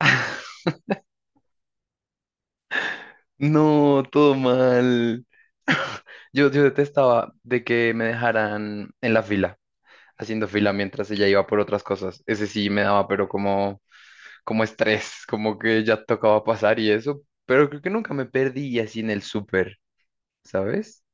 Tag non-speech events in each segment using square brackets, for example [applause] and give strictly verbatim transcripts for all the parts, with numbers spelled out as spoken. [laughs] No, todo mal. [laughs] Yo, yo detestaba de que me dejaran en la fila, haciendo fila mientras ella iba por otras cosas. Ese sí me daba, pero como, como estrés, como que ya tocaba pasar y eso. Pero creo que nunca me perdí así en el súper, ¿sabes?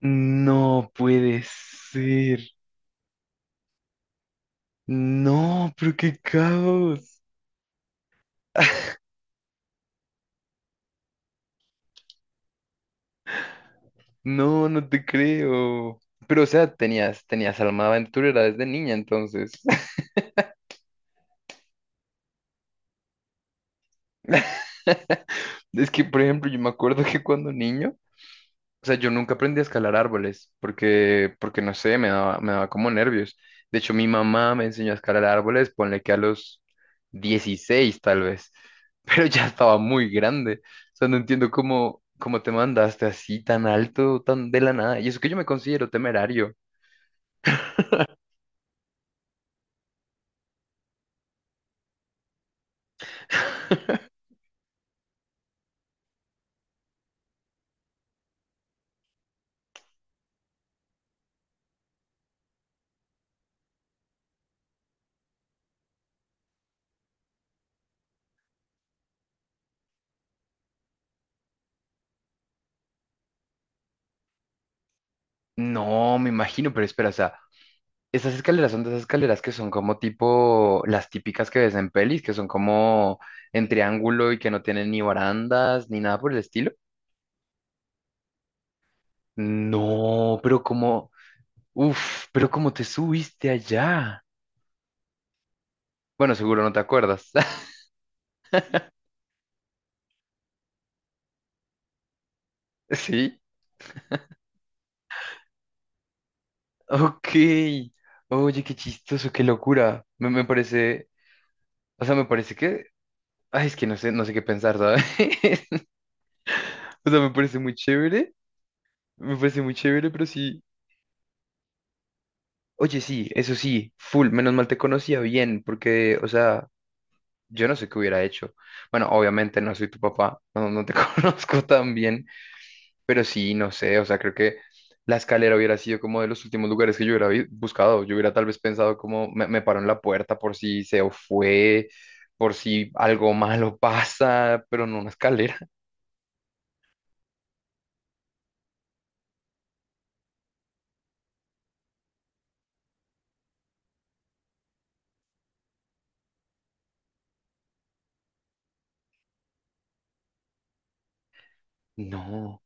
No puede ser. No, pero qué caos. [laughs] No, no te creo. Pero, o sea, tenías, tenías alma de aventurera desde niña, entonces. [laughs] Es que, por ejemplo, yo me acuerdo que cuando niño, o sea, yo nunca aprendí a escalar árboles porque, porque no sé, me daba, me daba como nervios. De hecho, mi mamá me enseñó a escalar árboles, ponle que a los dieciséis tal vez, [laughs] pero ya estaba muy grande. O sea, no entiendo cómo, cómo te mandaste así tan alto, tan de la nada. Y eso que yo me considero temerario. [laughs] No, me imagino, pero espera, o sea, esas escaleras son de esas escaleras que son como tipo las típicas que ves en pelis, que son como en triángulo y que no tienen ni barandas ni nada por el estilo. No, pero como, uf, pero como te subiste allá. Bueno, seguro no te acuerdas. [laughs] Sí, ok. Oye, qué chistoso, qué locura. Me, me parece, o sea, me parece que, ay, es que no sé, no sé qué pensar, ¿sabes? [laughs] O sea, me parece muy chévere, me parece muy chévere, pero sí. Oye, sí, eso sí, full, menos mal te conocía bien, porque, o sea, yo no sé qué hubiera hecho. Bueno, obviamente no soy tu papá, no, no te [laughs] conozco tan bien, pero sí, no sé, o sea, creo que la escalera hubiera sido como de los últimos lugares que yo hubiera vi- buscado. Yo hubiera tal vez pensado como me, me paro en la puerta por si se fue, por si algo malo [laughs] pasa, pero no una escalera. [laughs] No.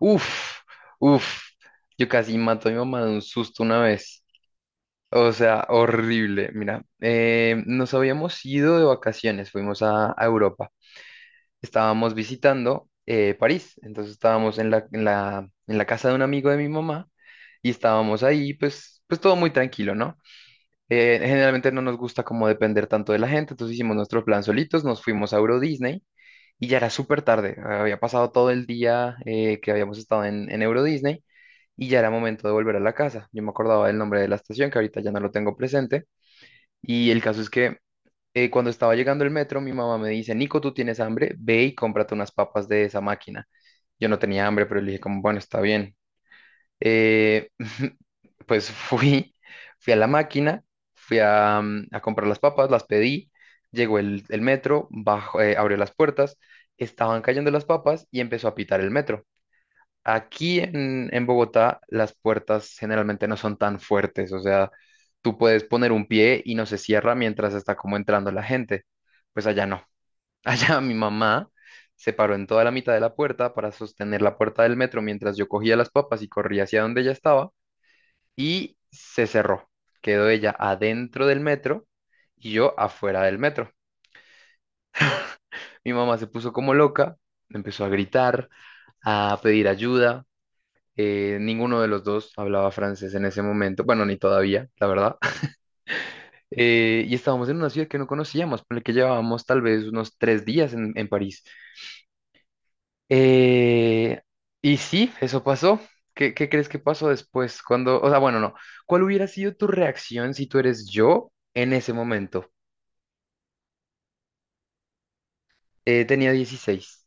Uf, uf, yo casi mato a mi mamá de un susto una vez. O sea, horrible. Mira, eh, nos habíamos ido de vacaciones, fuimos a, a Europa. Estábamos visitando eh, París, entonces estábamos en la, en la, en la casa de un amigo de mi mamá y estábamos ahí, pues, pues todo muy tranquilo, ¿no? Eh, generalmente no nos gusta como depender tanto de la gente, entonces hicimos nuestro plan solitos, nos fuimos a Euro Disney y ya era súper tarde. Había pasado todo el día eh, que habíamos estado en, en Euro Disney y ya era momento de volver a la casa. Yo me acordaba del nombre de la estación, que ahorita ya no lo tengo presente y el caso es que eh, cuando estaba llegando el metro, mi mamá me dice, Nico, ¿tú tienes hambre? Ve y cómprate unas papas de esa máquina. Yo no tenía hambre, pero le dije como, bueno, está bien. Eh, [laughs] pues fui, fui a la máquina, fui a, mm, a comprar las papas, las pedí, llegó el, el metro, bajó, eh, abrió las puertas, estaban cayendo las papas y empezó a pitar el metro. Aquí en, en Bogotá las puertas generalmente no son tan fuertes, o sea, tú puedes poner un pie y no se cierra mientras está como entrando la gente. Pues allá no. [laughs] Allá mi mamá se paró en toda la mitad de la puerta para sostener la puerta del metro mientras yo cogía las papas y corría hacia donde ella estaba y se cerró. Quedó ella adentro del metro y yo afuera del metro. Mi mamá se puso como loca, empezó a gritar, a pedir ayuda. Eh, ninguno de los dos hablaba francés en ese momento, bueno, ni todavía, la verdad. [laughs] Eh, y estábamos en una ciudad que no conocíamos, por la que llevábamos tal vez unos tres días en, en París. Eh, y sí, eso pasó. ¿Qué, qué crees que pasó después? Cuando, o sea, bueno, no. ¿Cuál hubiera sido tu reacción si tú eres yo en ese momento? Eh, tenía dieciséis.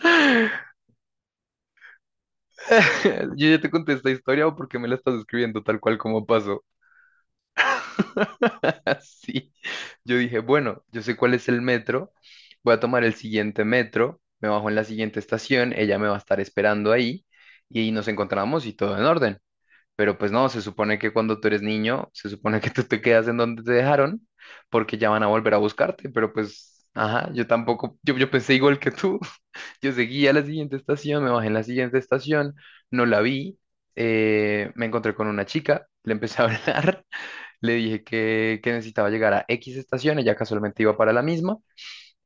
[laughs] Yo ya te conté esta historia o porque me la estás escribiendo tal cual como pasó. [laughs] Sí, yo dije, bueno, yo sé cuál es el metro, voy a tomar el siguiente metro, me bajo en la siguiente estación, ella me va a estar esperando ahí y ahí nos encontramos y todo en orden. Pero pues no, se supone que cuando tú eres niño, se supone que tú te quedas en donde te dejaron porque ya van a volver a buscarte, pero pues, ajá, yo tampoco, yo, yo pensé igual que tú, [laughs] yo seguí a la siguiente estación, me bajé en la siguiente estación, no la vi, eh, me encontré con una chica, le empecé a hablar, le dije que, que necesitaba llegar a X estación, ella casualmente iba para la misma,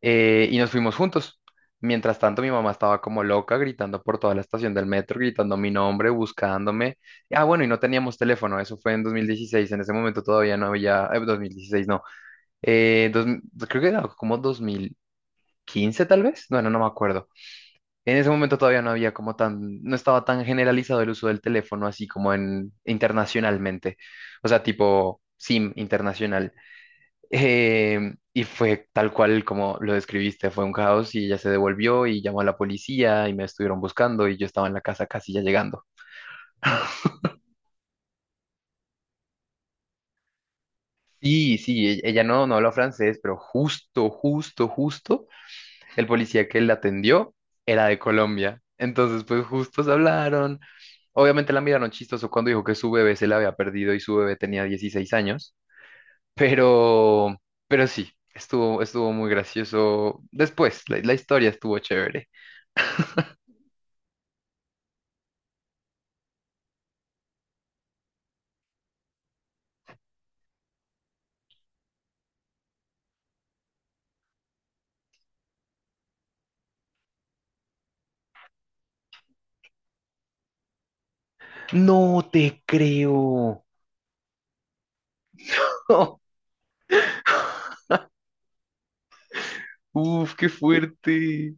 eh, y nos fuimos juntos. Mientras tanto, mi mamá estaba como loca, gritando por toda la estación del metro, gritando mi nombre, buscándome. Ah, bueno, y no teníamos teléfono, eso fue en dos mil dieciséis, en ese momento todavía no había, eh, dos mil dieciséis no, eh, dos- creo que era como dos mil quince tal vez, bueno, no me acuerdo. En ese momento todavía no había como tan, no estaba tan generalizado el uso del teléfono así como en internacionalmente, o sea, tipo SIM internacional. Eh, y fue tal cual como lo describiste, fue un caos y ella se devolvió y llamó a la policía y me estuvieron buscando y yo estaba en la casa casi ya llegando. Sí, sí, e- ella no, no habló francés, pero justo, justo, justo, el policía que la atendió era de Colombia. Entonces, pues justo se hablaron. Obviamente la miraron chistoso cuando dijo que su bebé se la había perdido y su bebé tenía dieciséis años, pero, pero sí, estuvo, estuvo muy gracioso. Después, la la historia estuvo chévere. No te creo. [laughs] Uf, qué fuerte.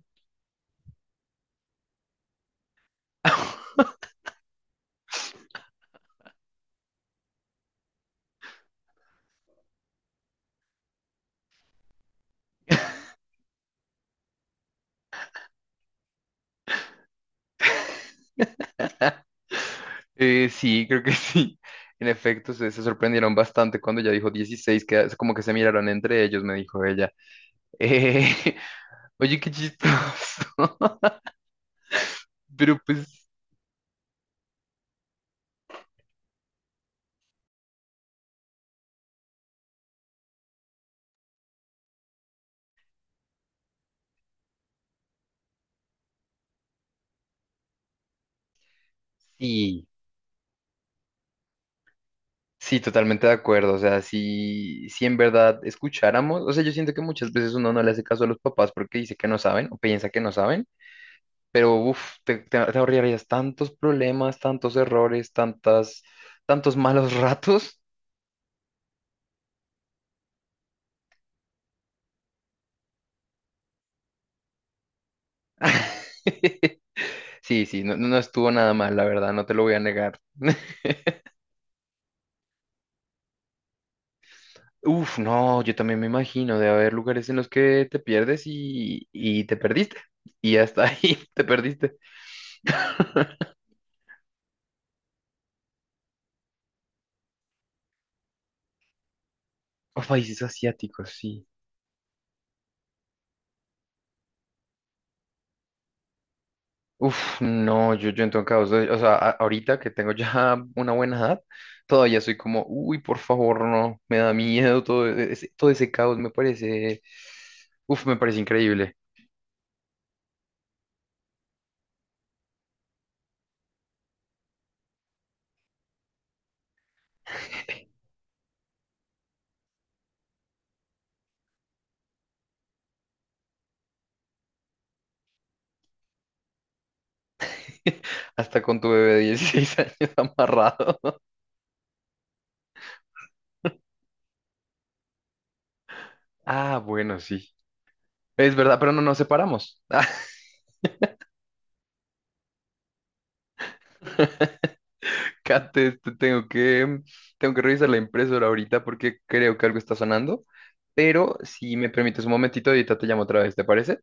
Eh, sí, creo que [laughs] sí. En efecto, se, se sorprendieron bastante cuando ella dijo dieciséis, que es como que se miraron entre ellos, me dijo ella. Eh, [laughs] Oye, qué chistoso. [laughs] Pero pues sí, sí, totalmente de acuerdo. O sea, si, si en verdad escucháramos, o sea, yo siento que muchas veces uno no le hace caso a los papás porque dice que no saben o piensa que no saben. Pero uff, te, te- te ahorrarías tantos problemas, tantos errores, tantas, tantos malos ratos. [laughs] Sí, sí, no, no no estuvo nada mal, la verdad, no te lo voy a negar. [laughs] Uf, no, yo también me imagino de haber lugares en los que te pierdes y, y te perdiste. Y hasta ahí [laughs] te perdiste. O países asiáticos, sí. Uf, no, yo, yo en todo caso, soy- o sea, a- ahorita que tengo ya [laughs] una buena edad, todavía soy como, uy, por favor, no, me da miedo todo e- ese, todo ese caos, me parece, uf, me parece increíble, [laughs] hasta con tu bebé de dieciséis años [laughs] amarrado. Ah, bueno, sí, es verdad, pero no nos separamos. [laughs] Kate, te- tengo que, tengo que revisar la impresora ahorita porque creo que algo está sonando, pero si me permites un momentito, ahorita te llamo otra vez, ¿te parece?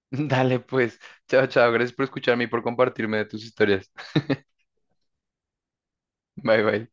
[laughs] Dale, pues. Chao, chao. Gracias por escucharme y por compartirme de tus historias. [laughs] Bye, bye.